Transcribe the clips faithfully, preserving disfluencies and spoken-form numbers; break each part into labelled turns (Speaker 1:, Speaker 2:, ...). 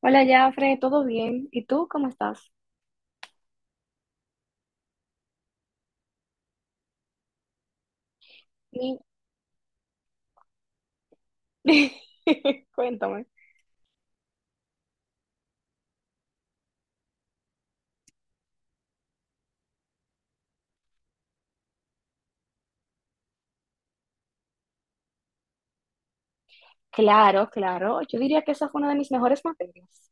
Speaker 1: Hola, Jafre, ¿todo bien? ¿Y tú cómo estás? Mi- Cuéntame. Claro, claro. Yo diría que esa fue una de mis mejores materias.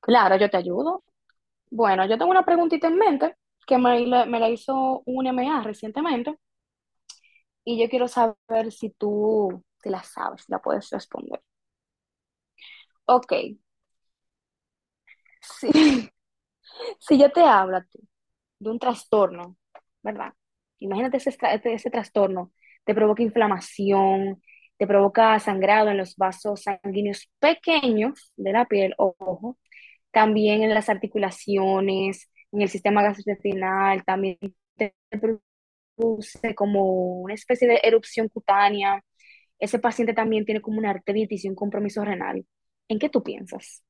Speaker 1: Claro, yo te ayudo. Bueno, yo tengo una preguntita en mente que me la, me la hizo un M. A. recientemente y yo quiero saber si tú te la sabes, si la puedes responder. Ok. Sí, si yo te hablo de un trastorno, ¿verdad? Imagínate ese, tra- ese, ese trastorno, te provoca inflamación, te provoca sangrado en los vasos sanguíneos pequeños de la piel, ojo, también en las articulaciones, en el sistema gastrointestinal, también te produce como una especie de erupción cutánea. Ese paciente también tiene como una artritis y un compromiso renal. ¿En qué tú piensas?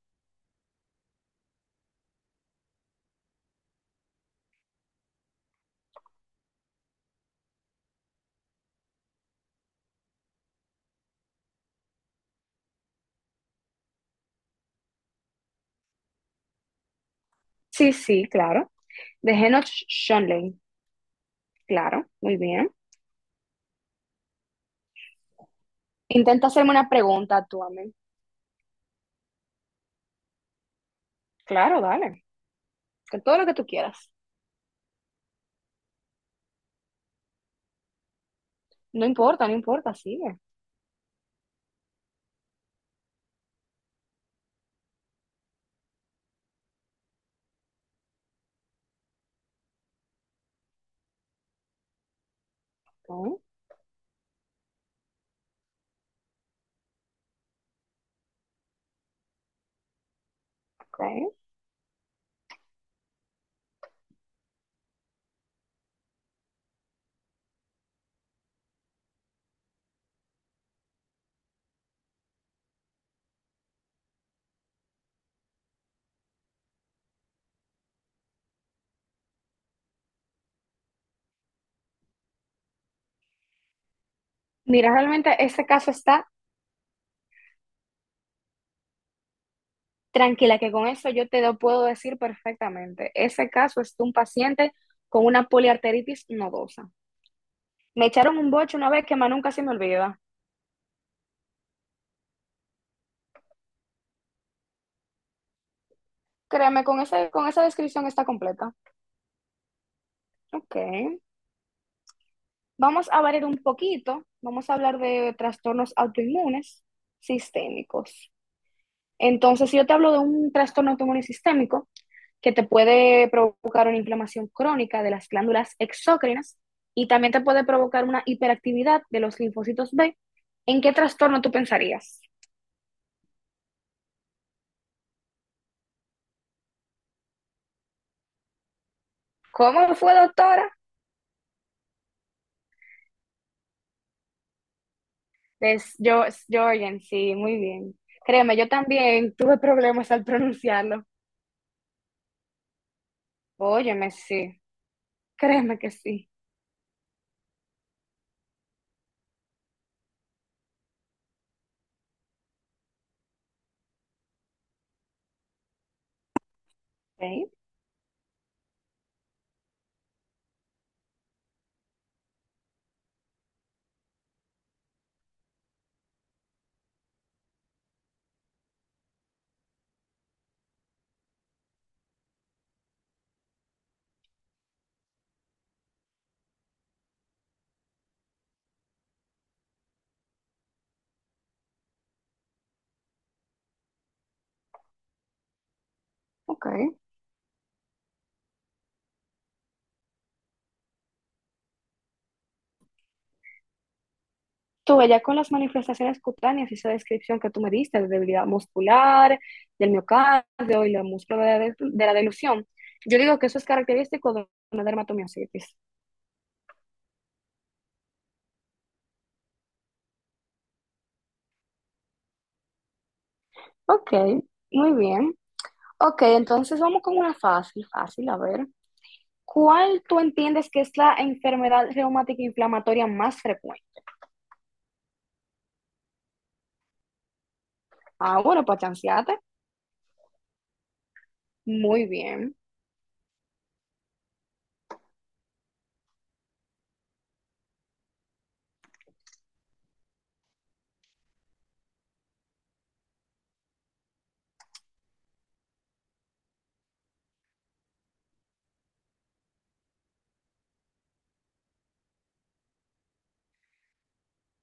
Speaker 1: Sí, sí, claro. De Henoch Schönlein, claro, muy bien. Intenta hacerme una pregunta tú a mí. Claro, dale. Que todo lo que tú quieras. No importa, no importa, sigue. Ok, ok. Mira, realmente ese caso está tranquila, que con eso yo te lo puedo decir perfectamente. Ese caso es de un paciente con una poliarteritis nodosa. Me echaron un boche una vez que más nunca se me olvida. Créeme, con ese, con esa descripción está completa. Ok. Vamos a variar un poquito. Vamos a hablar de trastornos autoinmunes sistémicos. Entonces, si yo te hablo de un trastorno autoinmune sistémico que te puede provocar una inflamación crónica de las glándulas exócrinas y también te puede provocar una hiperactividad de los linfocitos B, ¿en qué trastorno tú pensarías? ¿Cómo fue, doctora? Es yo, es Jorgen, sí, muy bien. Créeme, yo también tuve problemas al pronunciarlo. Óyeme, sí, créeme que sí. Ok, ok. Tuve ya con las manifestaciones cutáneas, esa descripción que tú me diste de debilidad muscular, del miocardio y la músculo de la, de- la delusión. Yo digo que eso es característico de una dermatomiositis. Ok, muy bien. Ok, entonces vamos con una fácil, fácil, a ver. ¿Cuál tú entiendes que es la enfermedad reumática inflamatoria más frecuente? Ah, bueno, para chancearte. Muy bien.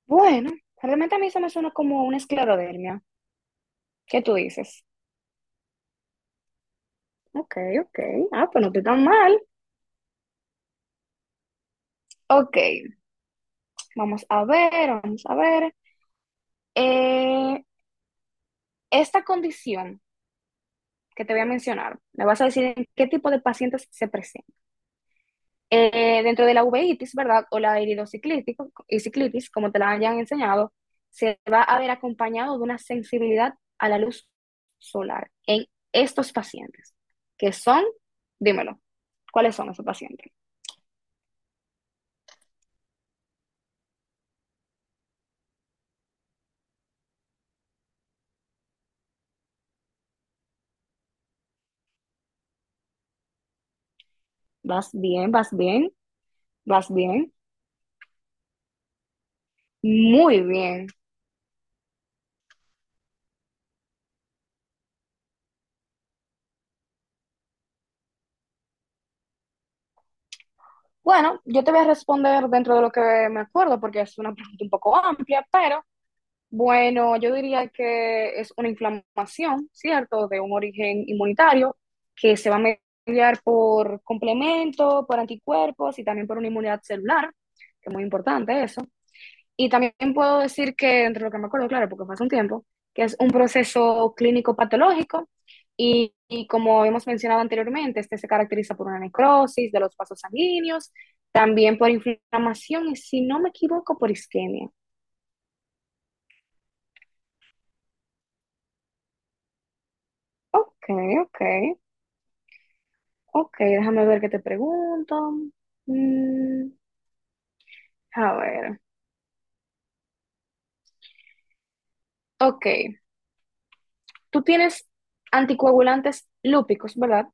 Speaker 1: Bueno, realmente a mí se me suena como una esclerodermia. ¿Qué tú dices? Ok, ok. Ah, pues no estoy tan mal. Ok, vamos a ver, vamos a ver. Eh, esta condición que te voy a mencionar, me vas a decir en qué tipo de pacientes se presenta. Eh, dentro de la uveitis, ¿verdad? O la iridociclitis, y ciclitis, como te la hayan enseñado, se va a ver acompañado de una sensibilidad a la luz solar en estos pacientes, que son, dímelo, ¿cuáles son esos pacientes? Vas bien, vas bien, vas bien, muy bien. Bueno, yo te voy a responder dentro de lo que me acuerdo, porque es una pregunta un poco amplia, pero bueno, yo diría que es una inflamación, ¿cierto?, de un origen inmunitario que se va a mediar por complemento, por anticuerpos y también por una inmunidad celular, que es muy importante eso. Y también puedo decir que, entre lo que me acuerdo, claro, porque fue hace un tiempo, que es un proceso clínico patológico y, y como hemos mencionado anteriormente, este se caracteriza por una necrosis de los vasos sanguíneos, también por inflamación y, si no me equivoco, por isquemia. Ok, ok, ok, déjame ver qué te pregunto. Mm, a ver, ok. Tú tienes anticoagulantes lúpicos, ¿verdad?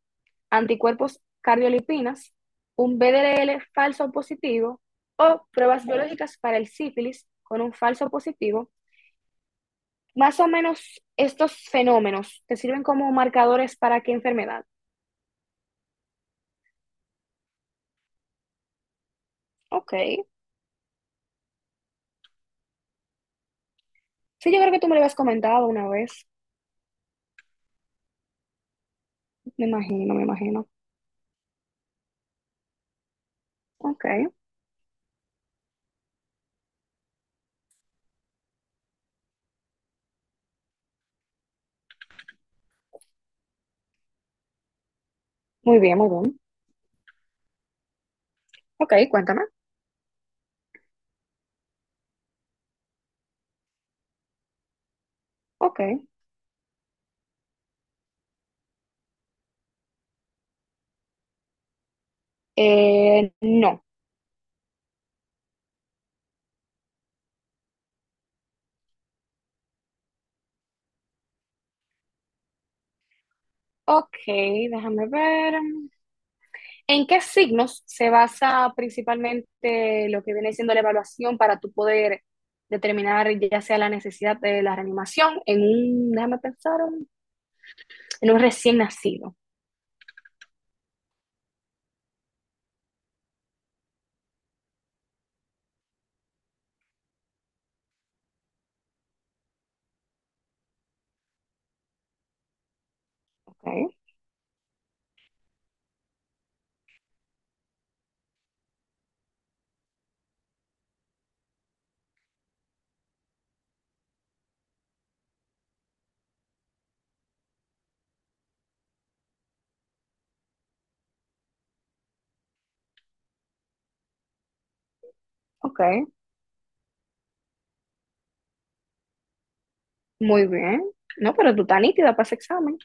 Speaker 1: Anticuerpos cardiolipinas, un B D L falso positivo o pruebas biológicas para el sífilis con un falso positivo. Más o menos estos fenómenos te sirven como marcadores para qué enfermedad. Ok. Sí, yo creo que tú me lo habías comentado una vez. Me imagino, me imagino. Ok. Muy bien, muy bien. Ok, cuéntame. Ok. Eh, no. Ok, déjame ver. ¿En qué signos se basa principalmente lo que viene siendo la evaluación para tu poder determinar ya sea la necesidad de la reanimación en un, déjame pensar, un- en un recién nacido? Ok, ok, muy bien. No, pero tú estás nítida para ese examen.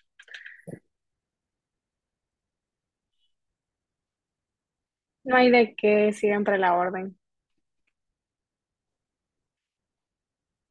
Speaker 1: No hay de qué, siempre la orden.